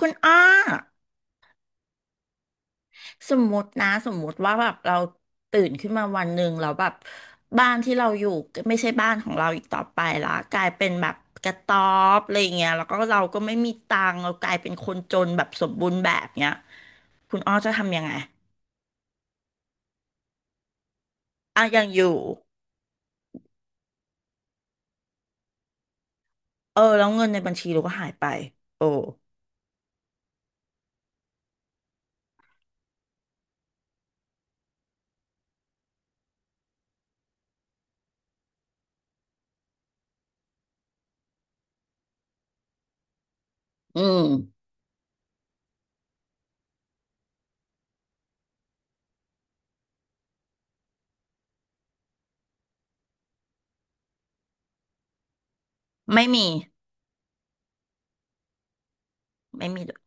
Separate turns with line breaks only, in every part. คุณอ้อสมมตินะสมมติว่าแบบเราตื่นขึ้นมาวันหนึ่งเราแล้วแบบบ้านที่เราอยู่ไม่ใช่บ้านของเราอีกต่อไปละกลายเป็นแบบกระต๊อบอะไรเงี้ยแล้วก็เราก็ไม่มีตังค์เรากลายเป็นคนจนแบบสมบูรณ์แบบเนี้ยคุณอ้อจะทำยังไงอ่ะยังอยู่เออแล้วเงินในบัญชีเราก็หายไปโอ้อืมไม่มีไม่มีด้วย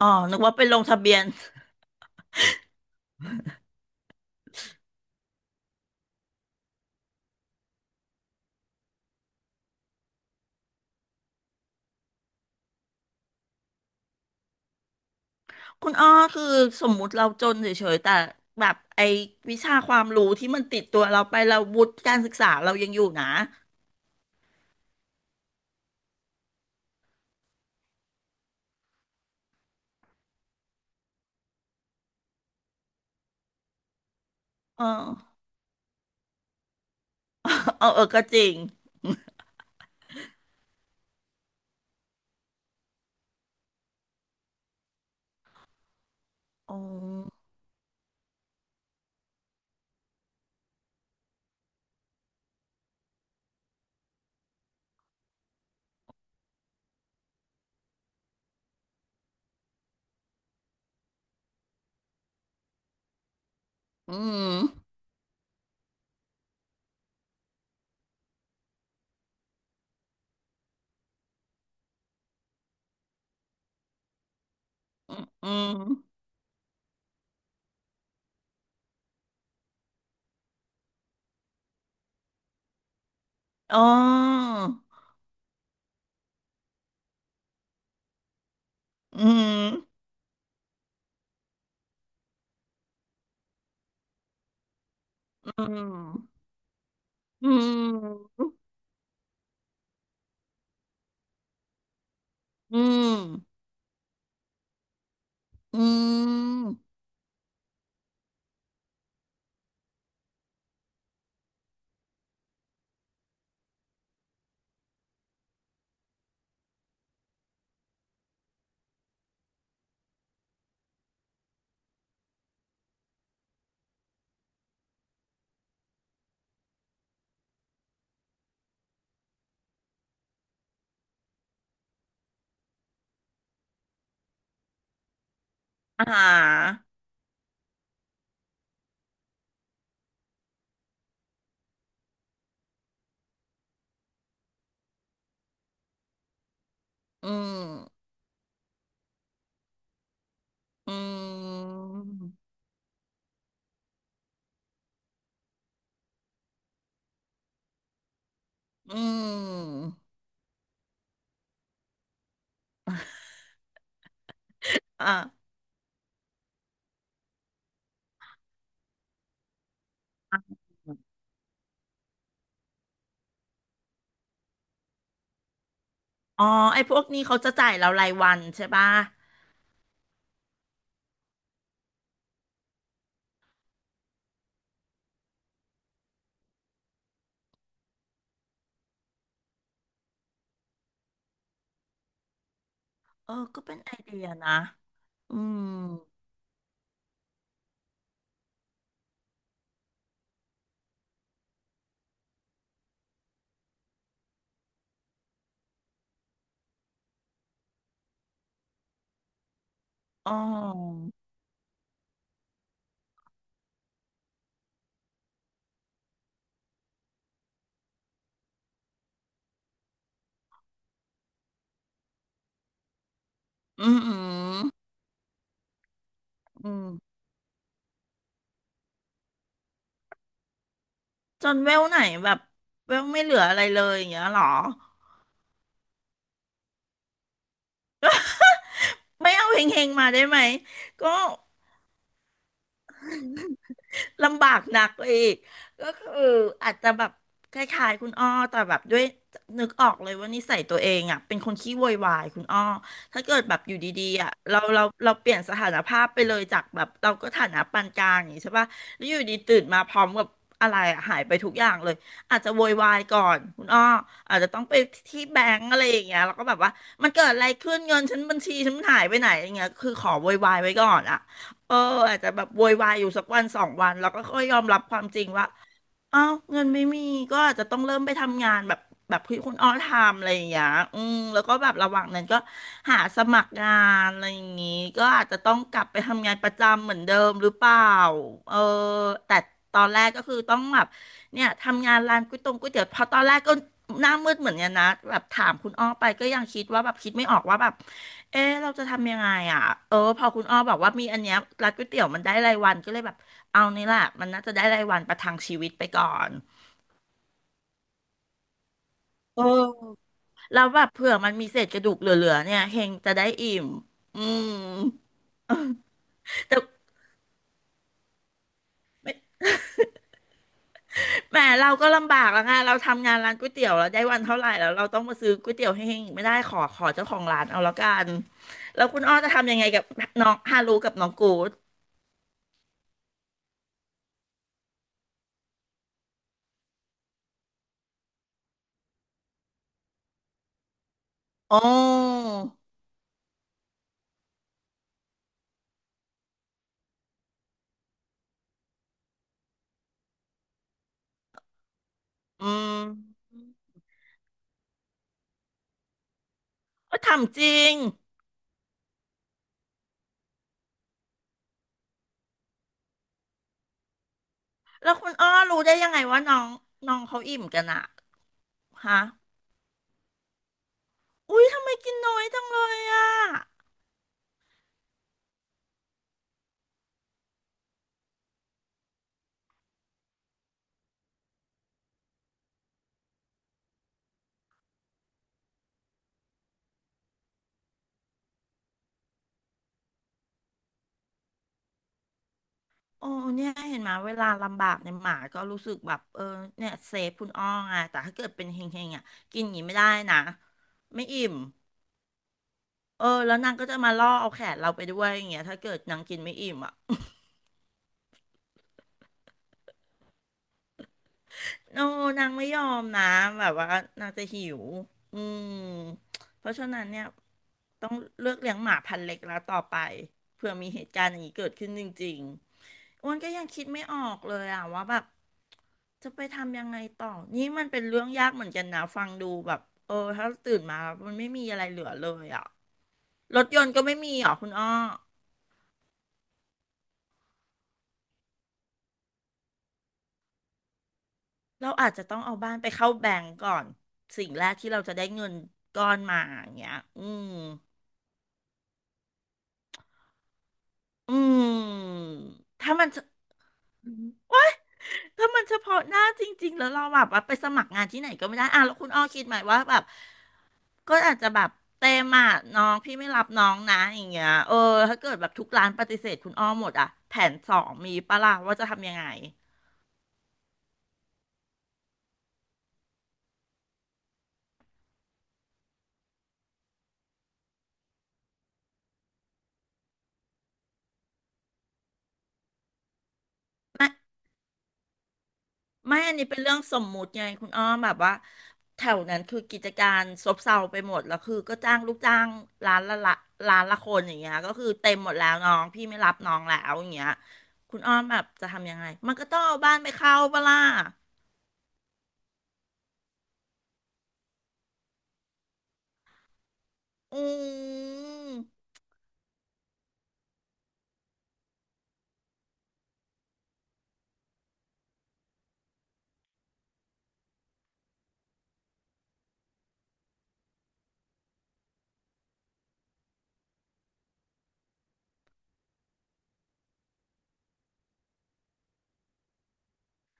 อ๋อนึกว่าไปลงทะเบียน คุณอ้อคือสมมุติเราจนเฉยๆแต่แบบไอ้วิชาความรู้ที่มันติดตัวเราไปเราวุฒิการศึกษาเรายังอยู่นะเออ เออเออก็จริงอ๋ออืมอืมอืมอ๋ออืมอืมอืมอืมอืมอ่าอืมอืมอืมอ่าอ๋อไอ้พวกนี้เขาจะจ่ายเรารายวันใช่ป่ะ เออก็เป็นไอเดียนะอืมอ๋ออืมอืมอืมจนเวลไหนแบบเวลไม่เหลืออะไรเลยอย่างเงี้ยเหรอไม่เอาเฮงๆมาได้ไหมก็ ลำบากหนักอีกก็คืออาจจะแบบคล้ายๆคุณอ้อแต่แบบด้วยนึกออกเลยว่านิสัยตัวเองอ่ะเป็นคนขี้โวยวายคุณอ้อถ้าเกิดแบบอยู่ดีๆอ่ะเราเปลี่ยนสถานภาพไปเลยจากแบบเราก็ฐานะปานกลางอย่างนี้ใช่ป่ะแล้วอยู่ดีตื่นมาพร้อมกับอะไรอะหายไปทุกอย่างเลยอาจจะโวยวายก่อนคุณอ้ออาจจะต้องไปที่แบงก์อะไรอย่างเงี้ยแล้วก็แบบว่ามันเกิดอะไรขึ้นเงินฉันบัญชีฉันมันหายไปไหนอย่างเงี้ยคือขอโวยวายไว้ก่อนอ่ะ เอออาจจะแบบโวยวายอยู่สักวันสองวันแล้วก็ค่อยยอมรับความจริงว่า อ้าวเงินไม่มีก็อาจจะต้องเริ่มไปทำงานแบบแบบที่คุณอ้อทำอะไรอย่างเงี้ยอืมแล้วก็แบบระหว่างนั้นก็หาสมัครงานอะไรอย่างงี้ก็อาจจะต้องกลับไปทำงานประจำเหมือนเดิมหรือเปล่าเออแต่ตอนแรกก็คือต้องแบบเนี่ยทำงานร้านก๋วยเตี๋ยวพอตอนแรกก็หน้ามืดเหมือนกันนะแบบถามคุณอ้อไปก็ยังคิดว่าแบบคิดไม่ออกว่าแบบเออเราจะทำยังไงอ่ะเออพอคุณอ้อบอกว่ามีอันเนี้ยร้านก๋วยเตี๋ยวมันได้รายวันก็เลยแบบ เอานี่แหละมันน่าจะได้รายวันประทังชีวิตไปก่อนเออแล้วแบบเผื่อมันมีเศษกระดูกเหลือๆเนี่ยเฮงจะได้อิ่มอืมแต่แหมเราก็ลำบากแล้วไงเราทำงานร้านก๋วยเตี๋ยวแล้วได้วันเท่าไหร่แล้วเราต้องมาซื้อก๋วยเตี๋ยวให้เฮงอีกไม่ได้ขอเจ้าของร้านเอาแล้วกันแล้วคุณอ้อจะทำยังไงกับน้องฮารุกับน้องกูดโอ้อืมก็ทำจริงแล้วคุณอ้อรู้ได้ยังไงว่าน้องน้องเขาอิ่มกันอะฮะ อุ๊ยทำไมกินน้อยจังเลยอ่ะโอ้เนี่ยเห็นไหมเวลาลำบากในยหมาก็รู้สึกแบบเออเนี่ยเซฟคุณอ้อไงแต่ถ้าเกิดเป็นเฮงๆอ่ะกินอย่างนี้ไม่ได้นะไม่อิ่มเออแล้วนางก็จะมาล่อเอาแขนเราไปด้วยอย่างเงี้ยถ้าเกิดนางกินไม่อิ่มอ่ะโอ้นางไม่ยอมนะแบบว่านางจะหิวอืมเพราะฉะนั้นเนี่ยต้องเลือกเลี้ยงหมาพันธุ์เล็กแล้วต่อไปเผื่อมีเหตุการณ์อย่างนี้เกิดขึ้นจริงๆอ้วนก็ยังคิดไม่ออกเลยอ่ะว่าแบบ จะไปทำยังไงต่อ นี่มันเป็นเรื่องยากเหมือนกันนะฟังดูแบบเออ ถ้าตื่นมาแล้วมันไม่มีอะไรเหลือเลยอ่ะรถยนต์ก็ไม่มีเหรอคุณอ้อเราอาจจะต้องเอาบ้านไปเข้าแบงก์ก่อน สิ่งแรกที่เราจะได้เงินก้อนมาอย่างเงี้ยอืมอืมถ้ามันเฉถ้ามันเฉพาะหน้าจริงๆแล้วเราแบบว่าไปสมัครงานที่ไหนก็ไม่ได้อ่ะแล้วคุณอ้อคิดไหมว่าแบบ ก็อาจจะแบบเต็มอ่ะน้องพี่ไม่รับน้องนะอย่างเงี้ยเออถ้าเกิดแบบทุกร้านปฏิเสธคุณอ้อมหมดอ่ะแผนสองมีปะล่ะว่าจะทำยังไงไม่อันนี้เป็นเรื่องสมมุติไงคุณอ้อมแบบว่าแถวนั้นคือกิจการซบเซาไปหมดแล้วคือก็จ้างลูกจ้างร้านละละร้านละคนอย่างเงี้ยก็คือเต็มหมดแล้วน้องพี่ไม่รับน้องแล้วอย่างเงี้ยคุณอ้อมแบบจะทำยังไงมันก็ต้องเอาบ้านไปเข้าปะล่ะอืม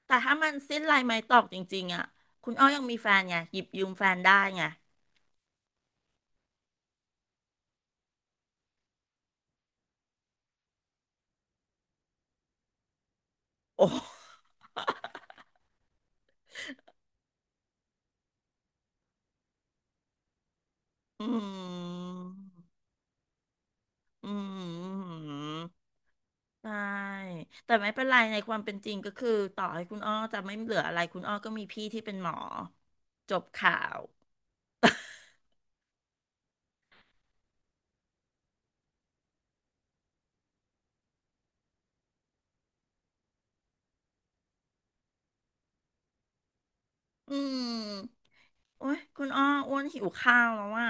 แต่ถ้ามันสิ้นลายไม้ตอกจริงๆอ่ะคุณอ้อยังมีแฟนไงหยิบยืมแฟนได้ไง โอ้อืม อืมใช่แต่ไม่เป็นไรในความเป็นจริงก็คือต่อให้คุณอ้อจะไม่เหลืออะไรคุณอ้อก็มีพี่ที่เป็นหมอจบข่าว อืมโอ้ยคุณอ้ออ้วนหิวข้าวแล้วอ่ะ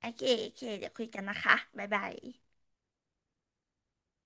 โอเคโอเคเดี๋ยวคุยกันนะคะบ๊ายบาย